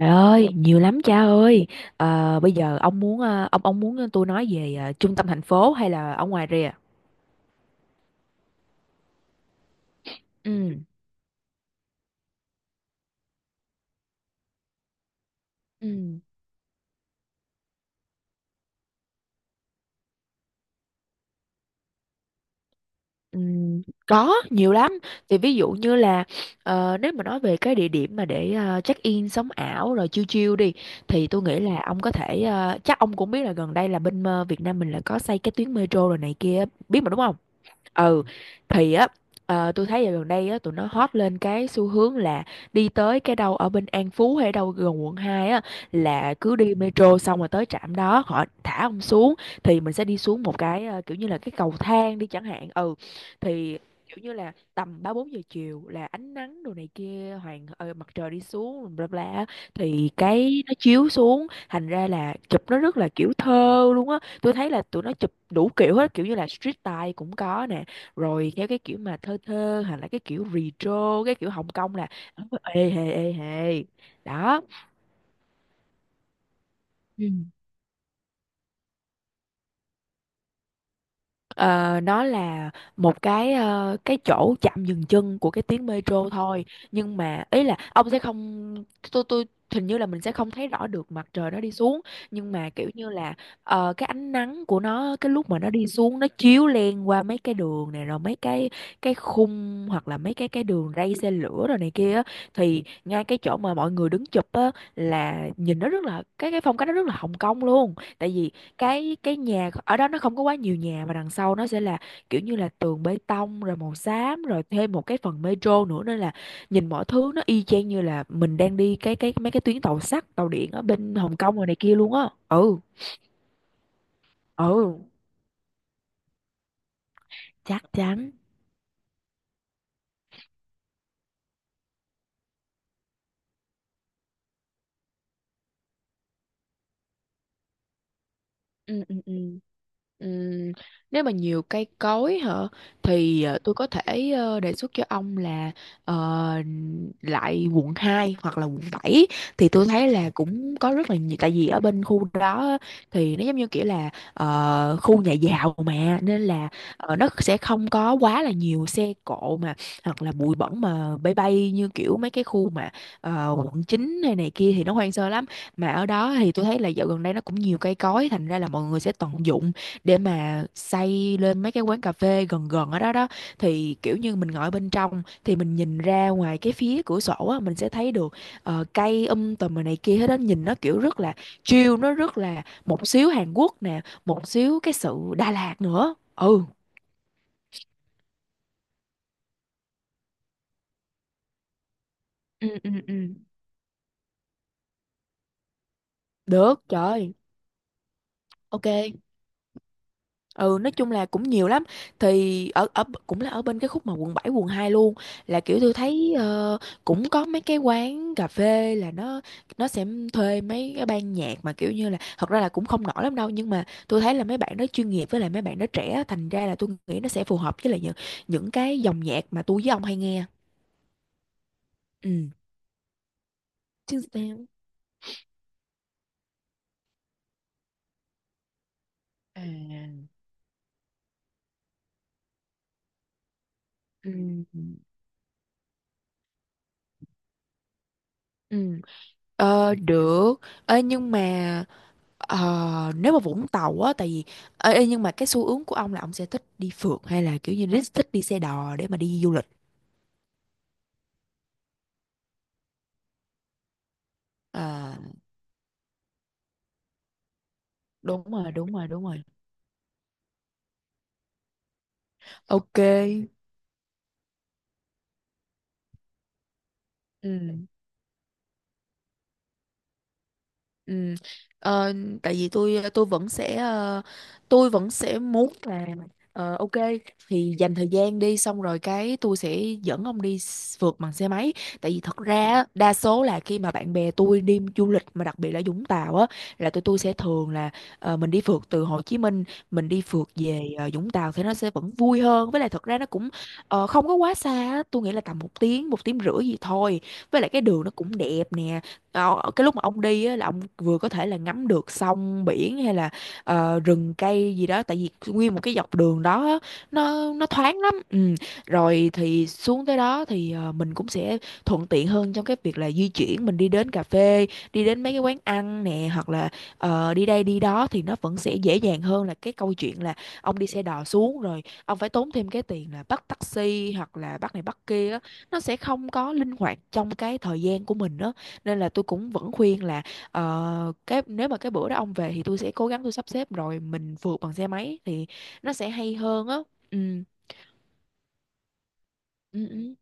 Trời ơi, nhiều lắm cha ơi. Bây giờ ông muốn ông muốn tôi nói về trung tâm thành phố hay là ở ngoài rìa? Ừ. Ừ. Có nhiều lắm, thì ví dụ như là nếu mà nói về cái địa điểm mà để check in sống ảo rồi chill chill đi, thì tôi nghĩ là ông có thể, chắc ông cũng biết là gần đây là bên Việt Nam mình là có xây cái tuyến metro rồi này kia biết mà đúng không? Ừ, thì á, tôi thấy dạo gần đây á tụi nó hot lên cái xu hướng là đi tới cái đâu ở bên An Phú hay đâu gần quận 2 á, là cứ đi metro xong rồi tới trạm đó họ thả ông xuống, thì mình sẽ đi xuống một cái kiểu như là cái cầu thang đi chẳng hạn. Ừ, thì kiểu như là tầm ba bốn giờ chiều là ánh nắng đồ này kia hoàng mặt trời đi xuống bla bla á, thì cái nó chiếu xuống thành ra là chụp nó rất là kiểu thơ luôn á. Tôi thấy là tụi nó chụp đủ kiểu hết, kiểu như là street style cũng có nè, rồi theo cái kiểu mà thơ thơ, hoặc là cái kiểu retro, cái kiểu Hồng Kông, là ê hề đó. Ờ, nó là một cái cái chỗ chạm dừng chân của cái tuyến metro thôi, nhưng mà ý là ông sẽ không, tôi hình như là mình sẽ không thấy rõ được mặt trời nó đi xuống, nhưng mà kiểu như là cái ánh nắng của nó cái lúc mà nó đi xuống nó chiếu len qua mấy cái đường này rồi mấy cái khung, hoặc là mấy cái đường ray xe lửa rồi này kia á, thì ngay cái chỗ mà mọi người đứng chụp á, là nhìn nó rất là cái, phong cách nó rất là Hồng Kông luôn, tại vì cái nhà ở đó nó không có quá nhiều nhà mà đằng sau nó sẽ là kiểu như là tường bê tông rồi màu xám rồi thêm một cái phần metro nữa, nên là nhìn mọi thứ nó y chang như là mình đang đi cái mấy cái tuyến tàu sắt tàu điện ở bên Hồng Kông rồi này kia luôn á. Ừ. Ừ, chắc chắn. Ừ. Ừ. Ừ. Ừm, nếu mà nhiều cây cối hả, thì tôi có thể đề xuất cho ông là, ờ, lại quận 2 hoặc là quận bảy, thì tôi thấy là cũng có rất là nhiều, tại vì ở bên khu đó á, thì nó giống như kiểu là khu nhà giàu mà nên là nó sẽ không có quá là nhiều xe cộ, mà hoặc là bụi bẩn mà bay bay như kiểu mấy cái khu mà quận 9 hay này kia thì nó hoang sơ lắm. Mà ở đó thì tôi thấy là dạo gần đây nó cũng nhiều cây cối, thành ra là mọi người sẽ tận dụng để mà xây lên mấy cái quán cà phê gần gần ở đó đó, thì kiểu như mình ngồi bên trong thì mình nhìn ra ngoài cái phía cửa sổ á, mình sẽ thấy được cây tùm rồi này kia hết đó, nhìn nó kiểu rất là chill, nó rất là một xíu Hàn Quốc nè, một xíu cái sự Đà Lạt nữa. Ừ. Ừ. Ừ. Ừ, được trời. Ok. Ừ, nói chung là cũng nhiều lắm, thì ở ở cũng là ở bên cái khúc mà quận 7 quận 2 luôn, là kiểu tôi thấy cũng có mấy cái quán cà phê là nó sẽ thuê mấy cái ban nhạc mà kiểu như là thật ra là cũng không nổi lắm đâu, nhưng mà tôi thấy là mấy bạn đó chuyên nghiệp, với lại mấy bạn đó trẻ, thành ra là tôi nghĩ nó sẽ phù hợp với lại những cái dòng nhạc mà tôi với ông hay nghe. Ừ, chứ sao. À, ừ ừ. Ờ, được. Ê, nhưng mà nếu mà Vũng Tàu á, tại vì ê, ê, nhưng mà cái xu hướng của ông là ông sẽ thích đi phượt hay là kiểu như thích thích đi xe đò để mà đi du lịch? À, đúng rồi đúng rồi đúng rồi. Ok. Ừ. Ừ. Ờ, tại vì tôi vẫn sẽ tôi vẫn sẽ muốn là ok, thì dành thời gian đi xong rồi cái tôi sẽ dẫn ông đi phượt bằng xe máy, tại vì thật ra á, đa số là khi mà bạn bè tôi đi du lịch mà đặc biệt là Vũng Tàu á, là tụi tôi sẽ thường là mình đi phượt từ Hồ Chí Minh, mình đi phượt về Vũng Tàu thì nó sẽ vẫn vui hơn, với lại thật ra nó cũng không có quá xa á. Tôi nghĩ là tầm một tiếng rưỡi gì thôi. Với lại cái đường nó cũng đẹp nè. Ờ, cái lúc mà ông đi á, là ông vừa có thể là ngắm được sông biển hay là rừng cây gì đó, tại vì nguyên một cái dọc đường đó á, nó thoáng lắm. Ừ. Rồi thì xuống tới đó thì mình cũng sẽ thuận tiện hơn trong cái việc là di chuyển, mình đi đến cà phê, đi đến mấy cái quán ăn nè, hoặc là đi đây đi đó, thì nó vẫn sẽ dễ dàng hơn là cái câu chuyện là ông đi xe đò xuống rồi ông phải tốn thêm cái tiền là bắt taxi hoặc là bắt này bắt kia á. Nó sẽ không có linh hoạt trong cái thời gian của mình đó, nên là tôi cũng vẫn khuyên là cái nếu mà cái bữa đó ông về thì tôi sẽ cố gắng tôi sắp xếp rồi mình vượt bằng xe máy thì nó sẽ hay hơn á. Ừ. Ừ. Ừ.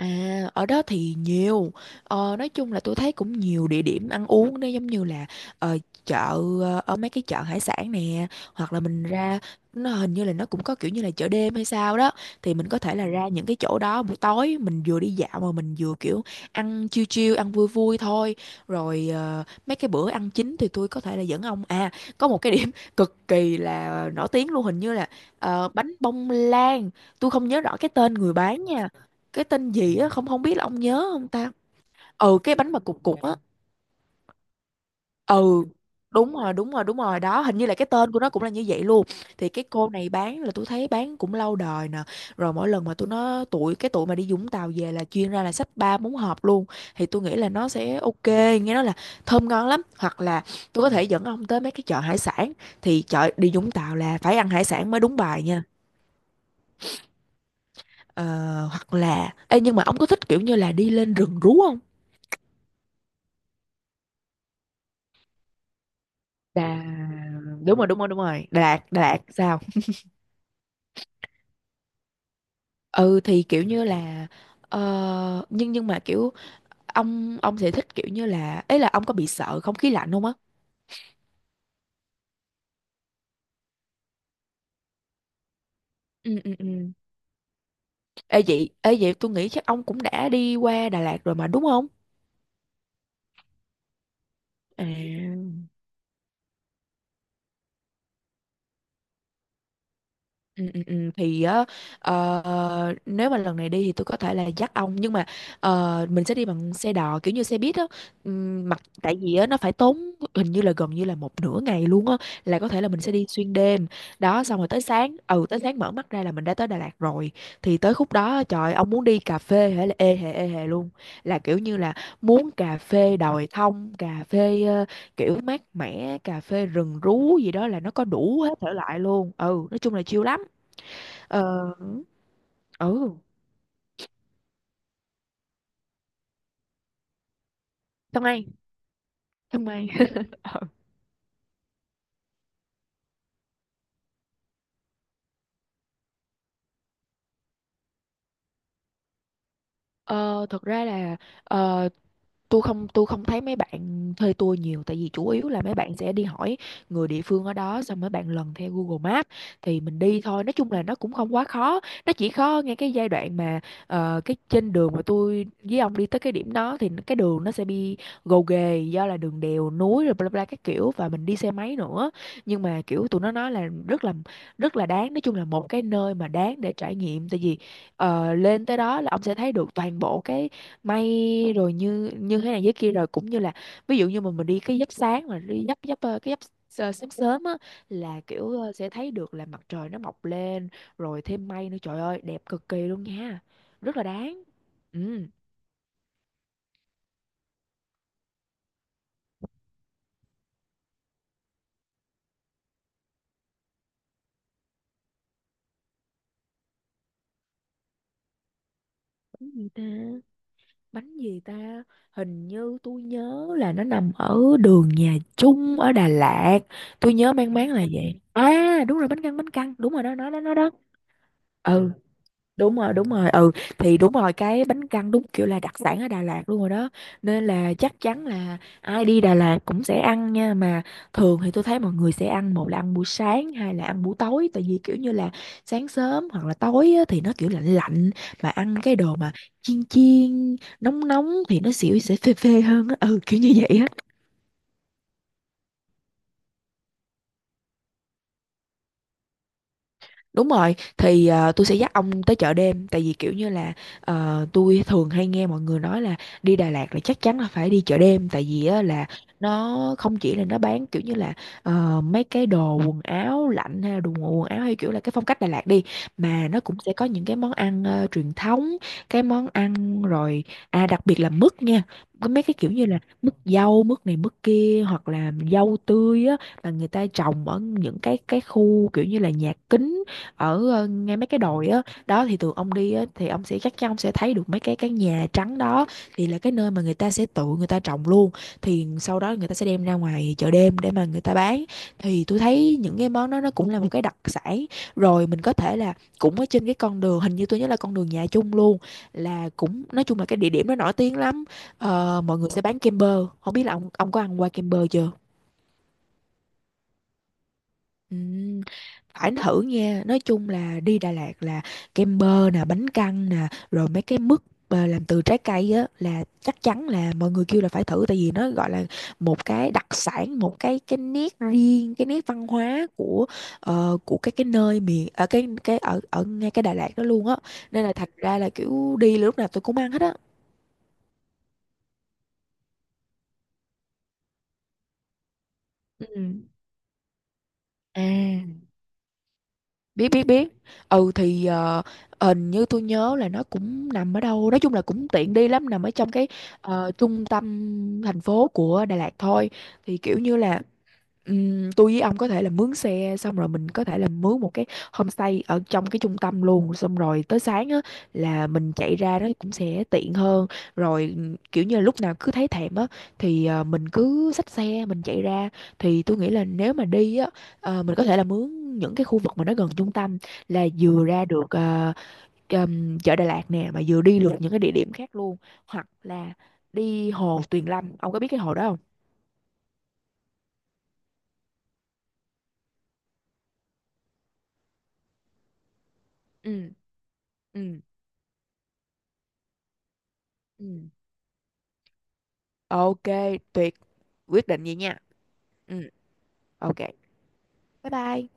À, ở đó thì nhiều. Ờ, nói chung là tôi thấy cũng nhiều địa điểm ăn uống đó, giống như là ờ, chợ, ở mấy cái chợ hải sản nè, hoặc là mình ra, nó hình như là nó cũng có kiểu như là chợ đêm hay sao đó, thì mình có thể là ra những cái chỗ đó buổi tối, mình vừa đi dạo mà mình vừa kiểu ăn chill chill, ăn vui vui thôi. Rồi mấy cái bữa ăn chính thì tôi có thể là dẫn ông, à, có một cái điểm cực kỳ là nổi tiếng luôn, hình như là bánh bông lan. Tôi không nhớ rõ cái tên người bán nha, cái tên gì á, không không biết là ông nhớ không ta. Ừ, cái bánh mà cục cục á. Ừ, đúng rồi đúng rồi đúng rồi đó, hình như là cái tên của nó cũng là như vậy luôn. Thì cái cô này bán là tôi thấy bán cũng lâu đời nè, rồi mỗi lần mà tôi nó tụi cái tụi mà đi Vũng Tàu về là chuyên ra là xách ba bốn hộp luôn, thì tôi nghĩ là nó sẽ ok. Nghe nói là thơm ngon lắm. Hoặc là tôi có thể dẫn ông tới mấy cái chợ hải sản, thì chợ đi Vũng Tàu là phải ăn hải sản mới đúng bài nha. Ờ, hoặc là ê, nhưng mà ông có thích kiểu như là đi lên rừng rú không? Đà Đúng rồi đúng rồi đúng rồi, Đà Lạt Đà Lạt sao. Ừ, thì kiểu như là nhưng mà kiểu ông sẽ thích kiểu như là ấy, là ông có bị sợ không khí lạnh không á? Ừ. Ừ. Ừ. Ê vậy, ê vậy tôi nghĩ chắc ông cũng đã đi qua Đà Lạt rồi mà đúng không? À. Ừ, ừ, ừ. Thì á, nếu mà lần này đi thì tôi có thể là dắt ông, nhưng mà mình sẽ đi bằng xe đò kiểu như xe buýt á. Mặc tại vì á nó phải tốn hình như là gần như là một nửa ngày luôn á, là có thể là mình sẽ đi xuyên đêm đó, xong rồi tới sáng, ừ, tới sáng mở mắt ra là mình đã tới Đà Lạt rồi. Thì tới khúc đó á, trời, ông muốn đi cà phê hay là ê hề luôn, là kiểu như là muốn cà phê đồi thông, cà phê kiểu mát mẻ, cà phê rừng rú gì đó, là nó có đủ hết thể loại luôn. Ừ, nói chung là chill lắm. Ờ, ừ, xong anh, xong anh. Ờ, thật ra là ờ, tôi không thấy mấy bạn thuê tour nhiều, tại vì chủ yếu là mấy bạn sẽ đi hỏi người địa phương ở đó, xong mấy bạn lần theo Google Maps thì mình đi thôi. Nói chung là nó cũng không quá khó, nó chỉ khó ngay cái giai đoạn mà cái trên đường mà tôi với ông đi tới cái điểm đó, thì cái đường nó sẽ bị gồ ghề do là đường đèo núi rồi bla bla các kiểu, và mình đi xe máy nữa. Nhưng mà kiểu tụi nó nói là rất là đáng. Nói chung là một cái nơi mà đáng để trải nghiệm, tại vì lên tới đó là ông sẽ thấy được toàn bộ cái may rồi, như như thế này thế kia, rồi cũng như là ví dụ như mà mình đi cái giấc sáng, mà đi giấc giấc ờ, cái giấc sớm sớm á, là kiểu sẽ thấy được là mặt trời nó mọc lên rồi thêm mây nữa, trời ơi đẹp cực kỳ luôn nha, rất là đáng. Ừ. Bánh gì ta? Bánh gì ta? Hình như tôi nhớ là nó nằm ở đường Nhà Trung ở Đà Lạt. Tôi nhớ mang máng là vậy, à đúng rồi, bánh căn, bánh căn đúng rồi đó, nó đó, nó đó. Ừ. Ừ, đúng rồi, đúng rồi, ừ. Thì đúng rồi, cái bánh căn đúng kiểu là đặc sản ở Đà Lạt luôn rồi đó, nên là chắc chắn là ai đi Đà Lạt cũng sẽ ăn nha. Mà thường thì tôi thấy mọi người sẽ ăn, một là ăn buổi sáng, hai là ăn buổi tối, tại vì kiểu như là sáng sớm hoặc là tối á, thì nó kiểu lạnh lạnh, mà ăn cái đồ mà chiên chiên nóng nóng thì nó xỉu, sẽ phê phê hơn á, ừ kiểu như vậy á. Đúng rồi, thì tôi sẽ dắt ông tới chợ đêm, tại vì kiểu như là tôi thường hay nghe mọi người nói là đi Đà Lạt là chắc chắn là phải đi chợ đêm, tại vì á, là nó không chỉ là nó bán kiểu như là mấy cái đồ quần áo lạnh, hay là đồ quần áo, hay kiểu là cái phong cách Đà Lạt đi, mà nó cũng sẽ có những cái món ăn truyền thống, cái món ăn. Rồi à, đặc biệt là mứt nha. Có mấy cái kiểu như là mứt dâu, mứt này mứt kia, hoặc là dâu tươi á, mà người ta trồng ở những cái khu kiểu như là nhà kính, ở ngay mấy cái đồi á đó. Thì tụi ông đi á thì ông sẽ, chắc chắn ông sẽ thấy được mấy cái nhà trắng đó, thì là cái nơi mà người ta sẽ tự người ta trồng luôn, thì sau đó người ta sẽ đem ra ngoài chợ đêm để mà người ta bán. Thì tôi thấy những cái món đó nó cũng là một cái đặc sản. Rồi mình có thể là cũng ở trên cái con đường, hình như tôi nhớ là con đường Nhà Chung luôn, là cũng, nói chung là cái địa điểm nó nổi tiếng lắm. Ờ, mọi người sẽ bán kem bơ, không biết là ông có ăn qua kem bơ chưa. Ừm, phải thử nha, nói chung là đi Đà Lạt là kem bơ nè, bánh căn nè, rồi mấy cái mứt làm từ trái cây á, là chắc chắn là mọi người kêu là phải thử, tại vì nó gọi là một cái đặc sản, một cái nét riêng, cái nét văn hóa của của cái nơi miền, ở cái ở ở ngay cái Đà Lạt đó luôn á, nên là thật ra là kiểu đi lúc nào tôi cũng ăn hết á. Ừm. À, biết biết biết. Ừ, thì hình như tôi nhớ là nó cũng nằm ở đâu, nói chung là cũng tiện đi lắm, nằm ở trong cái trung tâm thành phố của Đà Lạt thôi. Thì kiểu như là tôi với ông có thể là mướn xe, xong rồi mình có thể là mướn một cái homestay ở trong cái trung tâm luôn, xong rồi tới sáng á là mình chạy ra nó cũng sẽ tiện hơn. Rồi kiểu như là lúc nào cứ thấy thèm á thì mình cứ xách xe mình chạy ra. Thì tôi nghĩ là nếu mà đi á, ờ, mình có thể là mướn những cái khu vực mà nó gần trung tâm, là vừa ra được chợ Đà Lạt nè, mà vừa đi được những cái địa điểm khác luôn, hoặc là đi hồ Tuyền Lâm. Ông có biết cái hồ đó không? Ừ. Ừ. Ừ. Ok, tuyệt, quyết định vậy nha. Ừ. Ok, bye bye.